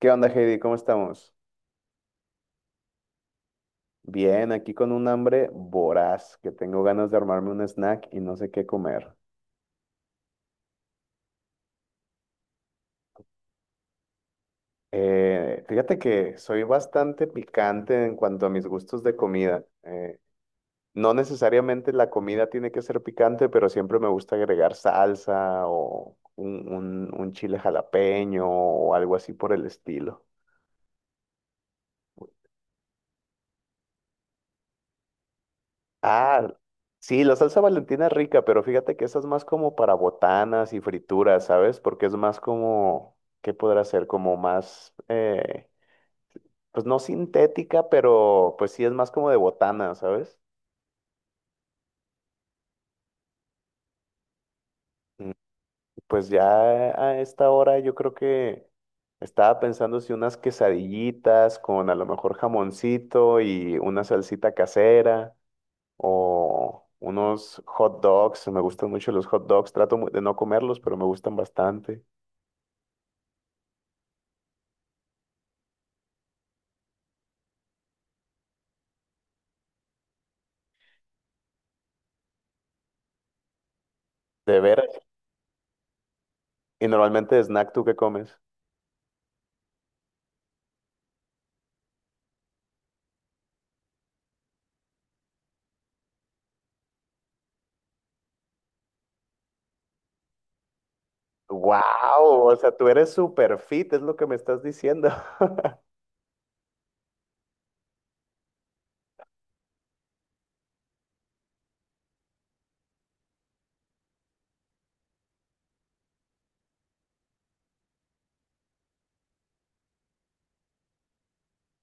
¿Qué onda, Heidi? ¿Cómo estamos? Bien, aquí con un hambre voraz, que tengo ganas de armarme un snack y no sé qué comer. Fíjate que soy bastante picante en cuanto a mis gustos de comida. No necesariamente la comida tiene que ser picante, pero siempre me gusta agregar salsa o un chile jalapeño o algo así por el estilo. Ah, sí, la salsa Valentina es rica, pero fíjate que esa es más como para botanas y frituras, ¿sabes? Porque es más como, ¿qué podrá ser? Como más, pues no sintética, pero pues sí es más como de botana, ¿sabes? Mm, pues ya a esta hora yo creo que estaba pensando si unas quesadillitas con a lo mejor jamoncito y una salsita casera o unos hot dogs, me gustan mucho los hot dogs, de no comerlos, pero me gustan bastante. De veras. Y normalmente de snack, ¿tú qué comes? ¡Wow! O sea, tú eres super fit, es lo que me estás diciendo.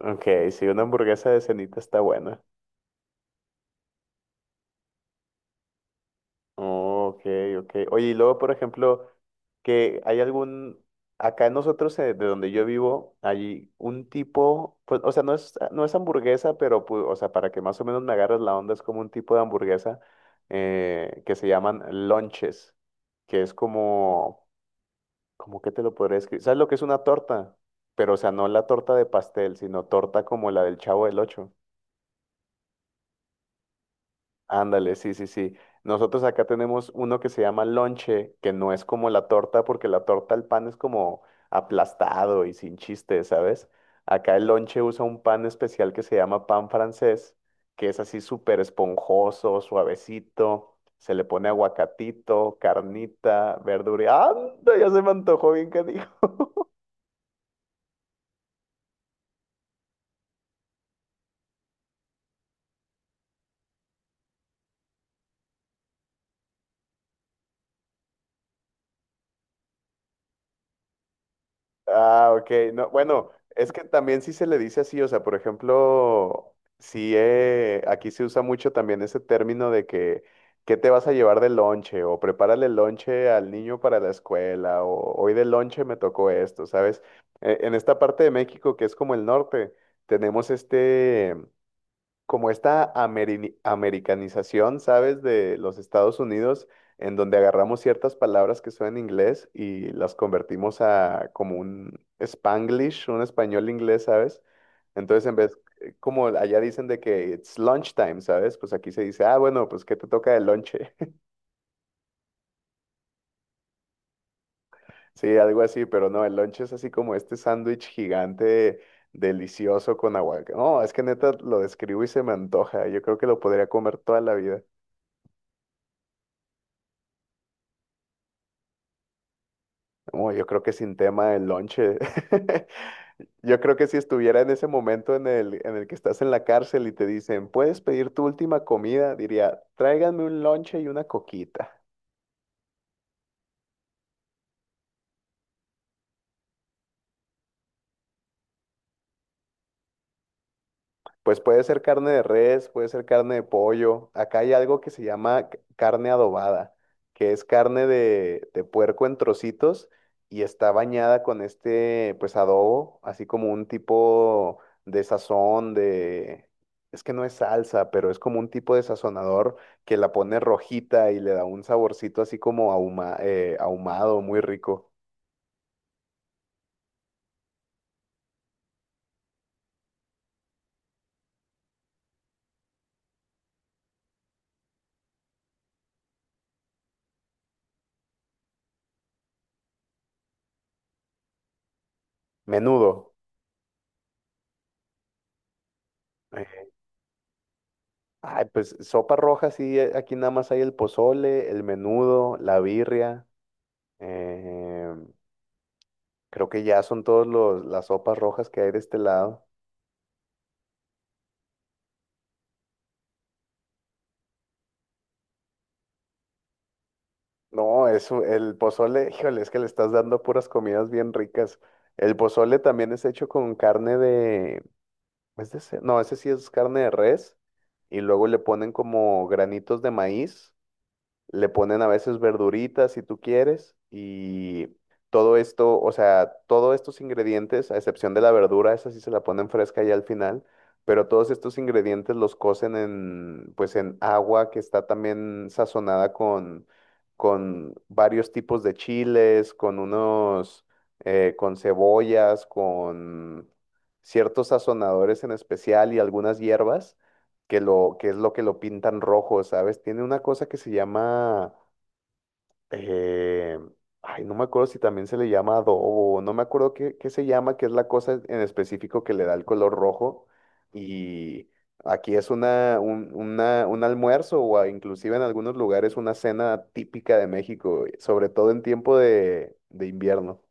Ok, sí, una hamburguesa de cenita está buena. Oh, ok, ok. Oye, y luego, por ejemplo, que hay algún, acá nosotros, de donde yo vivo, hay un tipo, pues, o sea, no es hamburguesa, pero, pu- o sea, para que más o menos me agarres la onda, es como un tipo de hamburguesa que se llaman lonches, que es como... ¿Cómo que te lo podría escribir? ¿Sabes lo que es una torta? Pero, o sea, no la torta de pastel, sino torta como la del Chavo del Ocho. Ándale, sí. Nosotros acá tenemos uno que se llama lonche, que no es como la torta, porque la torta al pan es como aplastado y sin chiste, ¿sabes? Acá el lonche usa un pan especial que se llama pan francés, que es así súper esponjoso, suavecito. Se le pone aguacatito, carnita, verdura. ¡Anda! Ya se me antojó bien que… Ah, ok. No, bueno, es que también sí se le dice así, o sea, por ejemplo, sí, aquí se usa mucho también ese término de que, ¿qué te vas a llevar de lonche? O prepárale el lonche al niño para la escuela, o hoy de lonche me tocó esto, ¿sabes? En esta parte de México, que es como el norte, tenemos este, como esta americanización, ¿sabes? De los Estados Unidos, en donde agarramos ciertas palabras que son en inglés y las convertimos a como un Spanglish, un español inglés, ¿sabes? Entonces, como allá dicen de que it's lunchtime, ¿sabes? Pues aquí se dice, ah, bueno, pues ¿qué te toca de lonche? Sí, algo así, pero no, el lonche es así como este sándwich gigante. Delicioso con aguacate. No, es que neta lo describo y se me antoja. Yo creo que lo podría comer toda la vida. Uy, yo creo que sin tema el lonche. Yo creo que si estuviera en ese momento en el que estás en la cárcel y te dicen, puedes pedir tu última comida, diría, tráiganme un lonche y una coquita. Pues puede ser carne de res, puede ser carne de pollo. Acá hay algo que se llama c- carne adobada, que es carne de puerco en trocitos y está bañada con este, pues adobo, así como un tipo de sazón, de... Es que no es salsa, pero es como un tipo de sazonador que la pone rojita y le da un saborcito así como ahumado, muy rico. Menudo. Ay, pues sopa roja, sí, aquí nada más hay el pozole, el menudo, la birria. eh, Creo que ya son todos los las sopas rojas que hay de este lado. No, eso, el pozole, híjole, es que le estás dando puras comidas bien ricas. El pozole también es hecho con carne de, ¿es de ce-? No, ese sí es carne de res. Y luego le ponen como granitos de maíz. Le ponen a veces verduritas si tú quieres y todo esto, o sea, todos estos ingredientes, a excepción de la verdura, esa sí se la ponen fresca ya al final, pero todos estos ingredientes los cocen en, pues en agua que está también sazonada con varios tipos de chiles, con unos, con cebollas, con ciertos sazonadores en especial y algunas hierbas que lo, que es lo que lo pintan rojo, ¿sabes? Tiene una cosa que se llama, eh, ay, no me acuerdo si también se le llama adobo, no me acuerdo qué, qué se llama, que es la cosa en específico que le da el color rojo. Y aquí es un almuerzo o a- inclusive en algunos lugares una cena típica de México, sobre todo en tiempo de invierno.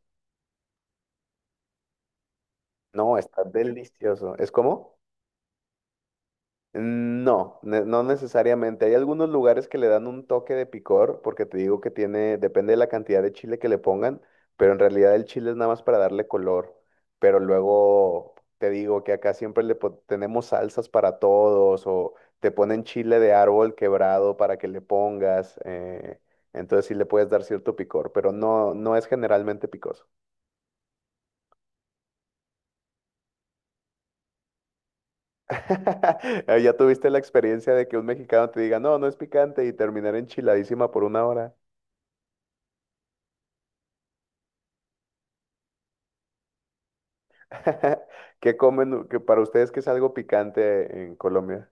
No, está delicioso. ¿Es como? No, no necesariamente. Hay algunos lugares que le dan un toque de picor, porque te digo que tiene, depende de la cantidad de chile que le pongan, pero en realidad el chile es nada más para darle color. Pero luego te digo que acá siempre le pon- tenemos salsas para todos, o te ponen chile de árbol quebrado para que le pongas. Entonces sí le puedes dar cierto picor, pero no, no es generalmente picoso. Ya tuviste la experiencia de que un mexicano te diga, no, no es picante y terminar enchiladísima por una hora. ¿Qué comen que para ustedes que es algo picante en Colombia?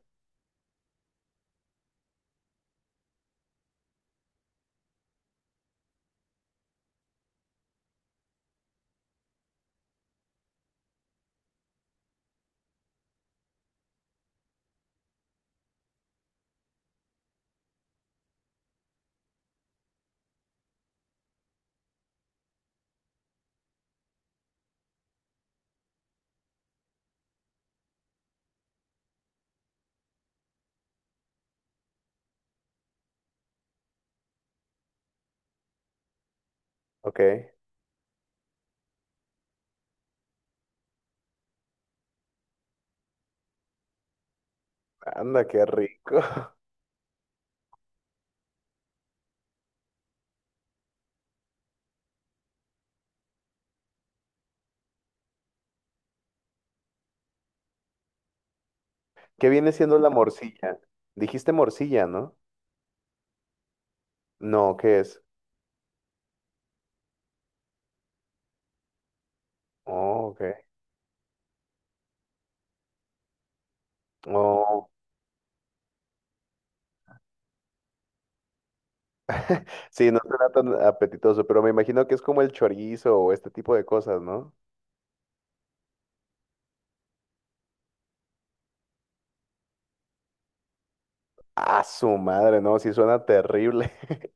Ok, anda, qué rico. ¿Qué viene siendo la morcilla? Dijiste morcilla, ¿no? No, ¿qué es? Oh, ok. Oh, sí, no suena tan apetitoso, pero me imagino que es como el chorizo o este tipo de cosas, ¿no? Ah, su madre, no, sí suena terrible.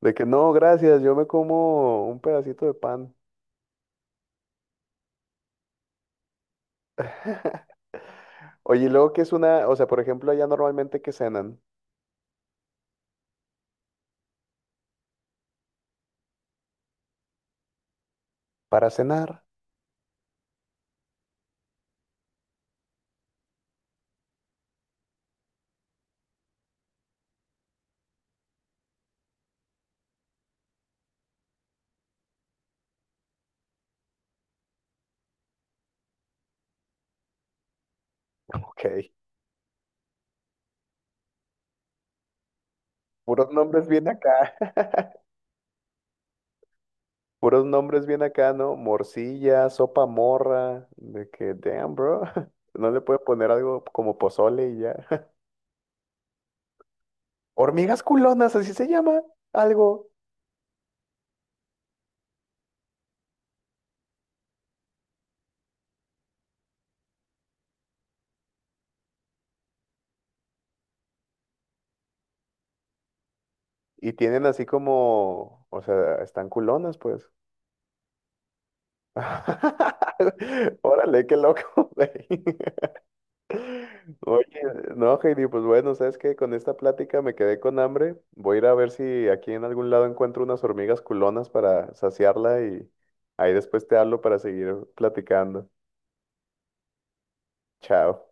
De que no, gracias, yo me como un pedacito de pan. Oye, ¿y luego que es una, o sea, por ejemplo, allá normalmente que cenan para cenar. Ok. Puros nombres bien acá. Puros nombres bien acá, ¿no? Morcilla, sopa morra, de que, damn, bro. No le puede poner algo como pozole y ya. Hormigas culonas, así se llama, algo. Y tienen así como, o sea, están culonas, pues. Órale, qué loco, güey. Oye, no, Heidi, pues bueno, ¿sabes qué? Con esta plática me quedé con hambre. Voy a ir a ver si aquí en algún lado encuentro unas hormigas culonas para saciarla y ahí después te hablo para seguir platicando. Chao.